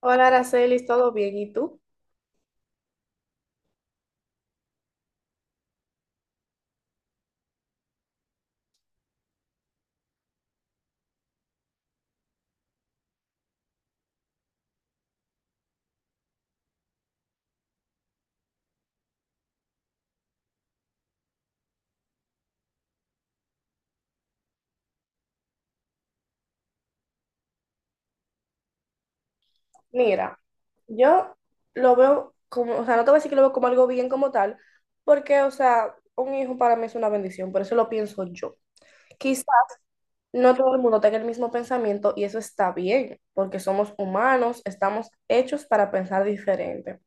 Hola, Aracelis, ¿todo bien? ¿Y tú? Mira, yo lo veo como, o sea, no te voy a decir que lo veo como algo bien como tal, porque, o sea, un hijo para mí es una bendición, por eso lo pienso yo. Quizá no todo el mundo tenga el mismo pensamiento y eso está bien, porque somos humanos, estamos hechos para pensar diferente.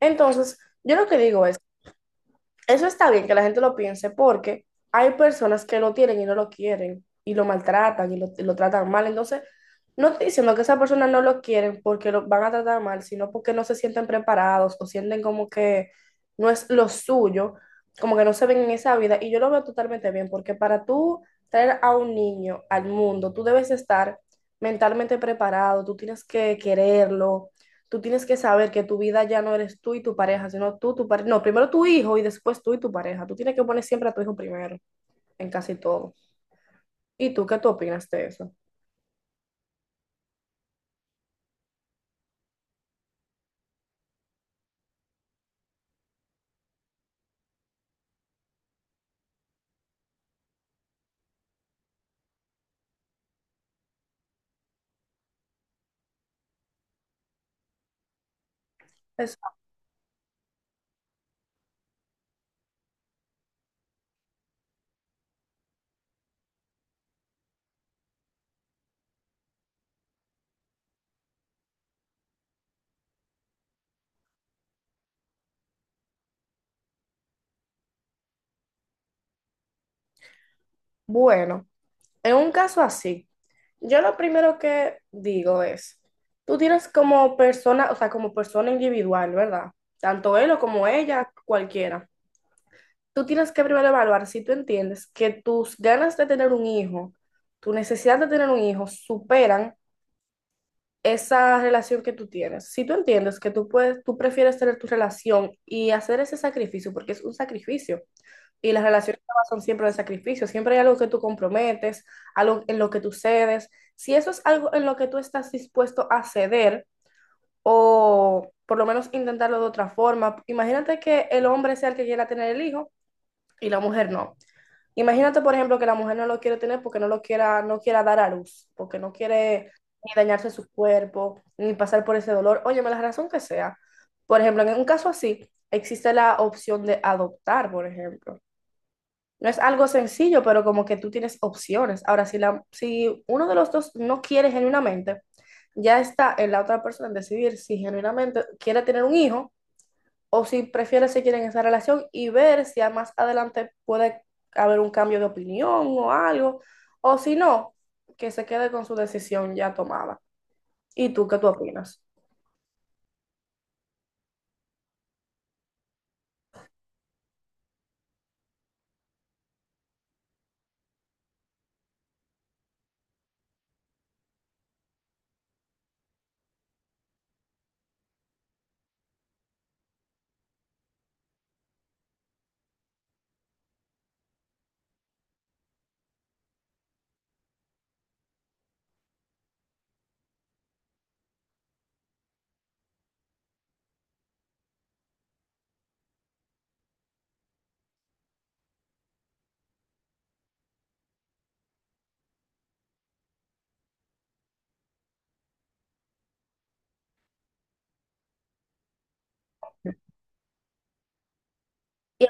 Entonces, yo lo que digo es. Eso está bien que la gente lo piense, porque hay personas que lo tienen y no lo quieren y lo maltratan y lo tratan mal. Entonces, no estoy diciendo que esas personas no lo quieren porque lo van a tratar mal, sino porque no se sienten preparados o sienten como que no es lo suyo, como que no se ven en esa vida. Y yo lo veo totalmente bien, porque para tú traer a un niño al mundo, tú debes estar mentalmente preparado, tú tienes que quererlo, tú tienes que saber que tu vida ya no eres tú y tu pareja, sino tú, tu pareja, no, primero tu hijo y después tú y tu pareja. Tú tienes que poner siempre a tu hijo primero en casi todo. ¿Y tú qué tú opinas de eso? Es, bueno, en un caso así, yo lo primero que digo es, tú tienes como persona, o sea, como persona individual, ¿verdad? Tanto él o como ella, cualquiera. Tú tienes que primero evaluar si tú entiendes que tus ganas de tener un hijo, tu necesidad de tener un hijo superan esa relación que tú tienes. Si tú entiendes que tú puedes, tú prefieres tener tu relación y hacer ese sacrificio, porque es un sacrificio, y las relaciones de son siempre de sacrificio, siempre hay algo que tú comprometes, algo en lo que tú cedes. Si eso es algo en lo que tú estás dispuesto a ceder, o por lo menos intentarlo de otra forma, imagínate que el hombre sea el que quiera tener el hijo y la mujer no. Imagínate, por ejemplo, que la mujer no lo quiere tener porque no lo quiera, no quiera dar a luz, porque no quiere ni dañarse su cuerpo, ni pasar por ese dolor. Óyeme, la razón que sea. Por ejemplo, en un caso así, existe la opción de adoptar, por ejemplo. No es algo sencillo, pero como que tú tienes opciones. Ahora, si uno de los dos no quiere genuinamente, ya está en la otra persona en decidir si genuinamente quiere tener un hijo o si prefiere seguir en esa relación y ver si a más adelante puede haber un cambio de opinión o algo, o si no, que se quede con su decisión ya tomada. ¿Y tú qué tú opinas? Y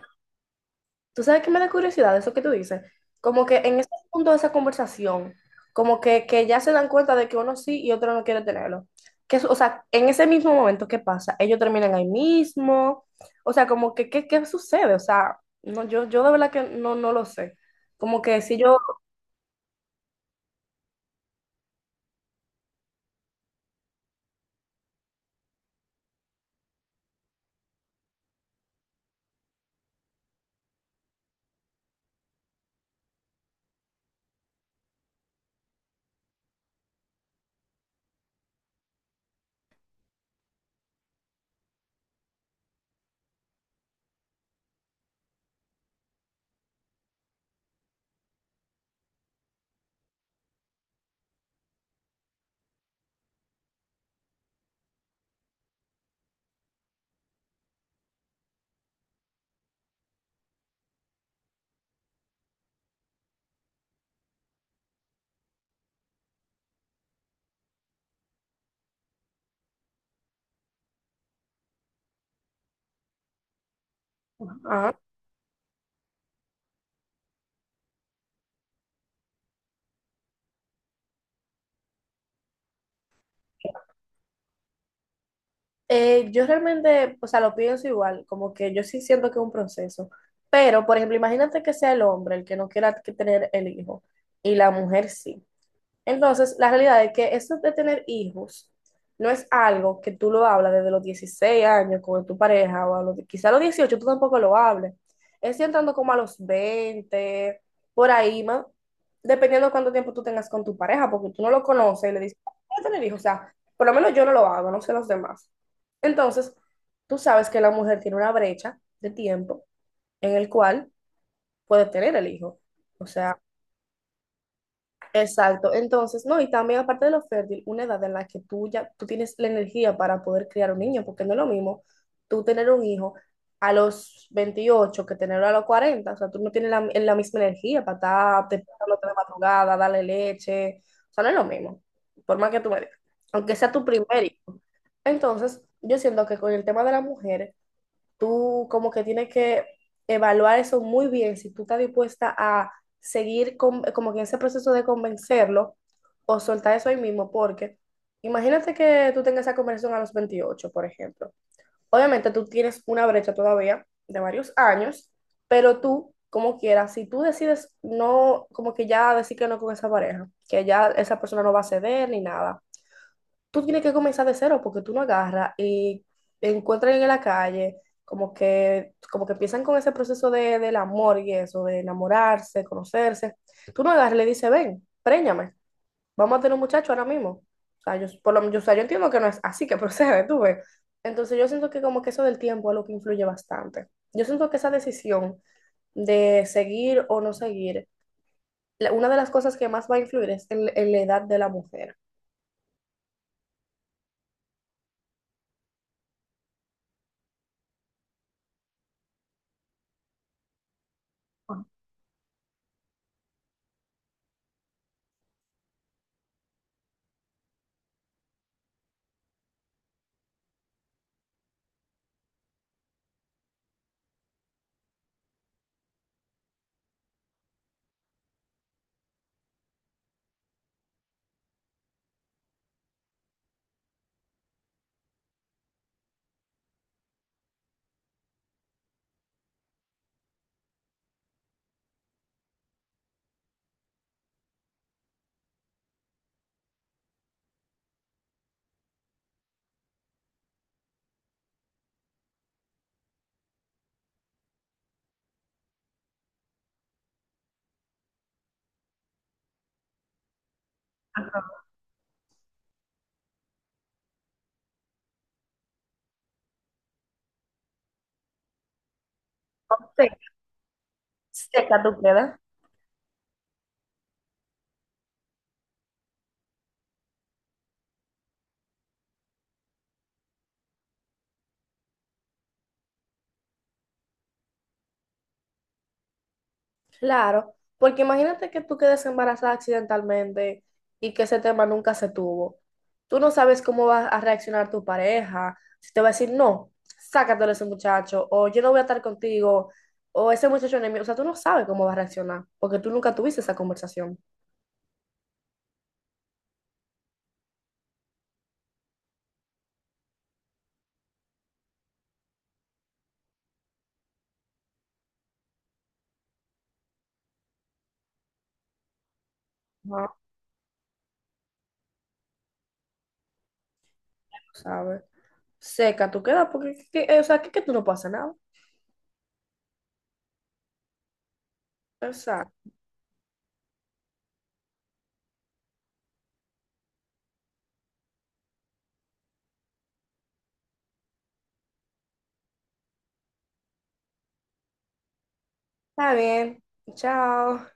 tú sabes que me da curiosidad eso que tú dices, como que en ese punto de esa conversación, como que ya se dan cuenta de que uno sí y otro no quiere tenerlo. Que, o sea, en ese mismo momento, ¿qué pasa? Ellos terminan ahí mismo, o sea, como que, ¿qué sucede? O sea, no, yo de verdad que no lo sé. Como que si yo. Ajá. Yo realmente, o sea, lo pienso igual, como que yo sí siento que es un proceso, pero, por ejemplo, imagínate que sea el hombre el que no quiera que tener el hijo y la mujer sí. Entonces, la realidad es que eso de tener hijos no es algo que tú lo hablas desde los 16 años con tu pareja o a los, quizá a los 18 tú tampoco lo hables. Es entrando como a los 20 por ahí, más, dependiendo de cuánto tiempo tú tengas con tu pareja, porque tú no lo conoces y le dices, "Ah, voy a tener hijos". O sea, por lo menos yo no lo hago, no sé los demás. Entonces, tú sabes que la mujer tiene una brecha de tiempo en el cual puede tener el hijo. O sea, exacto. Entonces, no, y también aparte de lo fértil, una edad en la que tú ya tú tienes la energía para poder criar un niño, porque no es lo mismo tú tener un hijo a los 28 que tenerlo a los 40. O sea, tú no tienes la misma energía para estar despertándote de madrugada, darle leche, o sea, no es lo mismo, por más que tú me digas, aunque sea tu primer hijo. Entonces, yo siento que con el tema de la mujer tú como que tienes que evaluar eso muy bien, si tú estás dispuesta a seguir con- como que en ese proceso de convencerlo o soltar eso ahí mismo, porque imagínate que tú tengas esa conversación a los 28, por ejemplo. Obviamente tú tienes una brecha todavía de varios años, pero tú, como quieras, si tú decides no, como que ya decir que no con esa pareja, que ya esa persona no va a ceder ni nada, tú tienes que comenzar de cero, porque tú no agarras y encuentran en la calle como que empiezan con ese proceso del amor y eso, de enamorarse, conocerse. Tú no agarras y le dices, ven, préñame, vamos a tener un muchacho ahora mismo. O sea, yo, por lo, yo, o sea, yo entiendo que no es así que procede, tú ves. Entonces yo siento que como que eso del tiempo es lo que influye bastante. Yo siento que esa decisión de seguir o no seguir, la- una de las cosas que más va a influir es en la edad de la mujer. ¿Qué edad tú crees? Claro, porque imagínate que tú quedes embarazada accidentalmente y que ese tema nunca se tuvo. Tú no sabes cómo va a reaccionar tu pareja, si te va a decir, no, sácatelo a ese muchacho, o yo no voy a estar contigo, o ese muchacho enemigo. O sea, tú no sabes cómo va a reaccionar, porque tú nunca tuviste esa conversación. No, sabes. Seca, tú quedas, porque, que- o sea, que tú no pasa nada. Exacto. Está bien. Chao.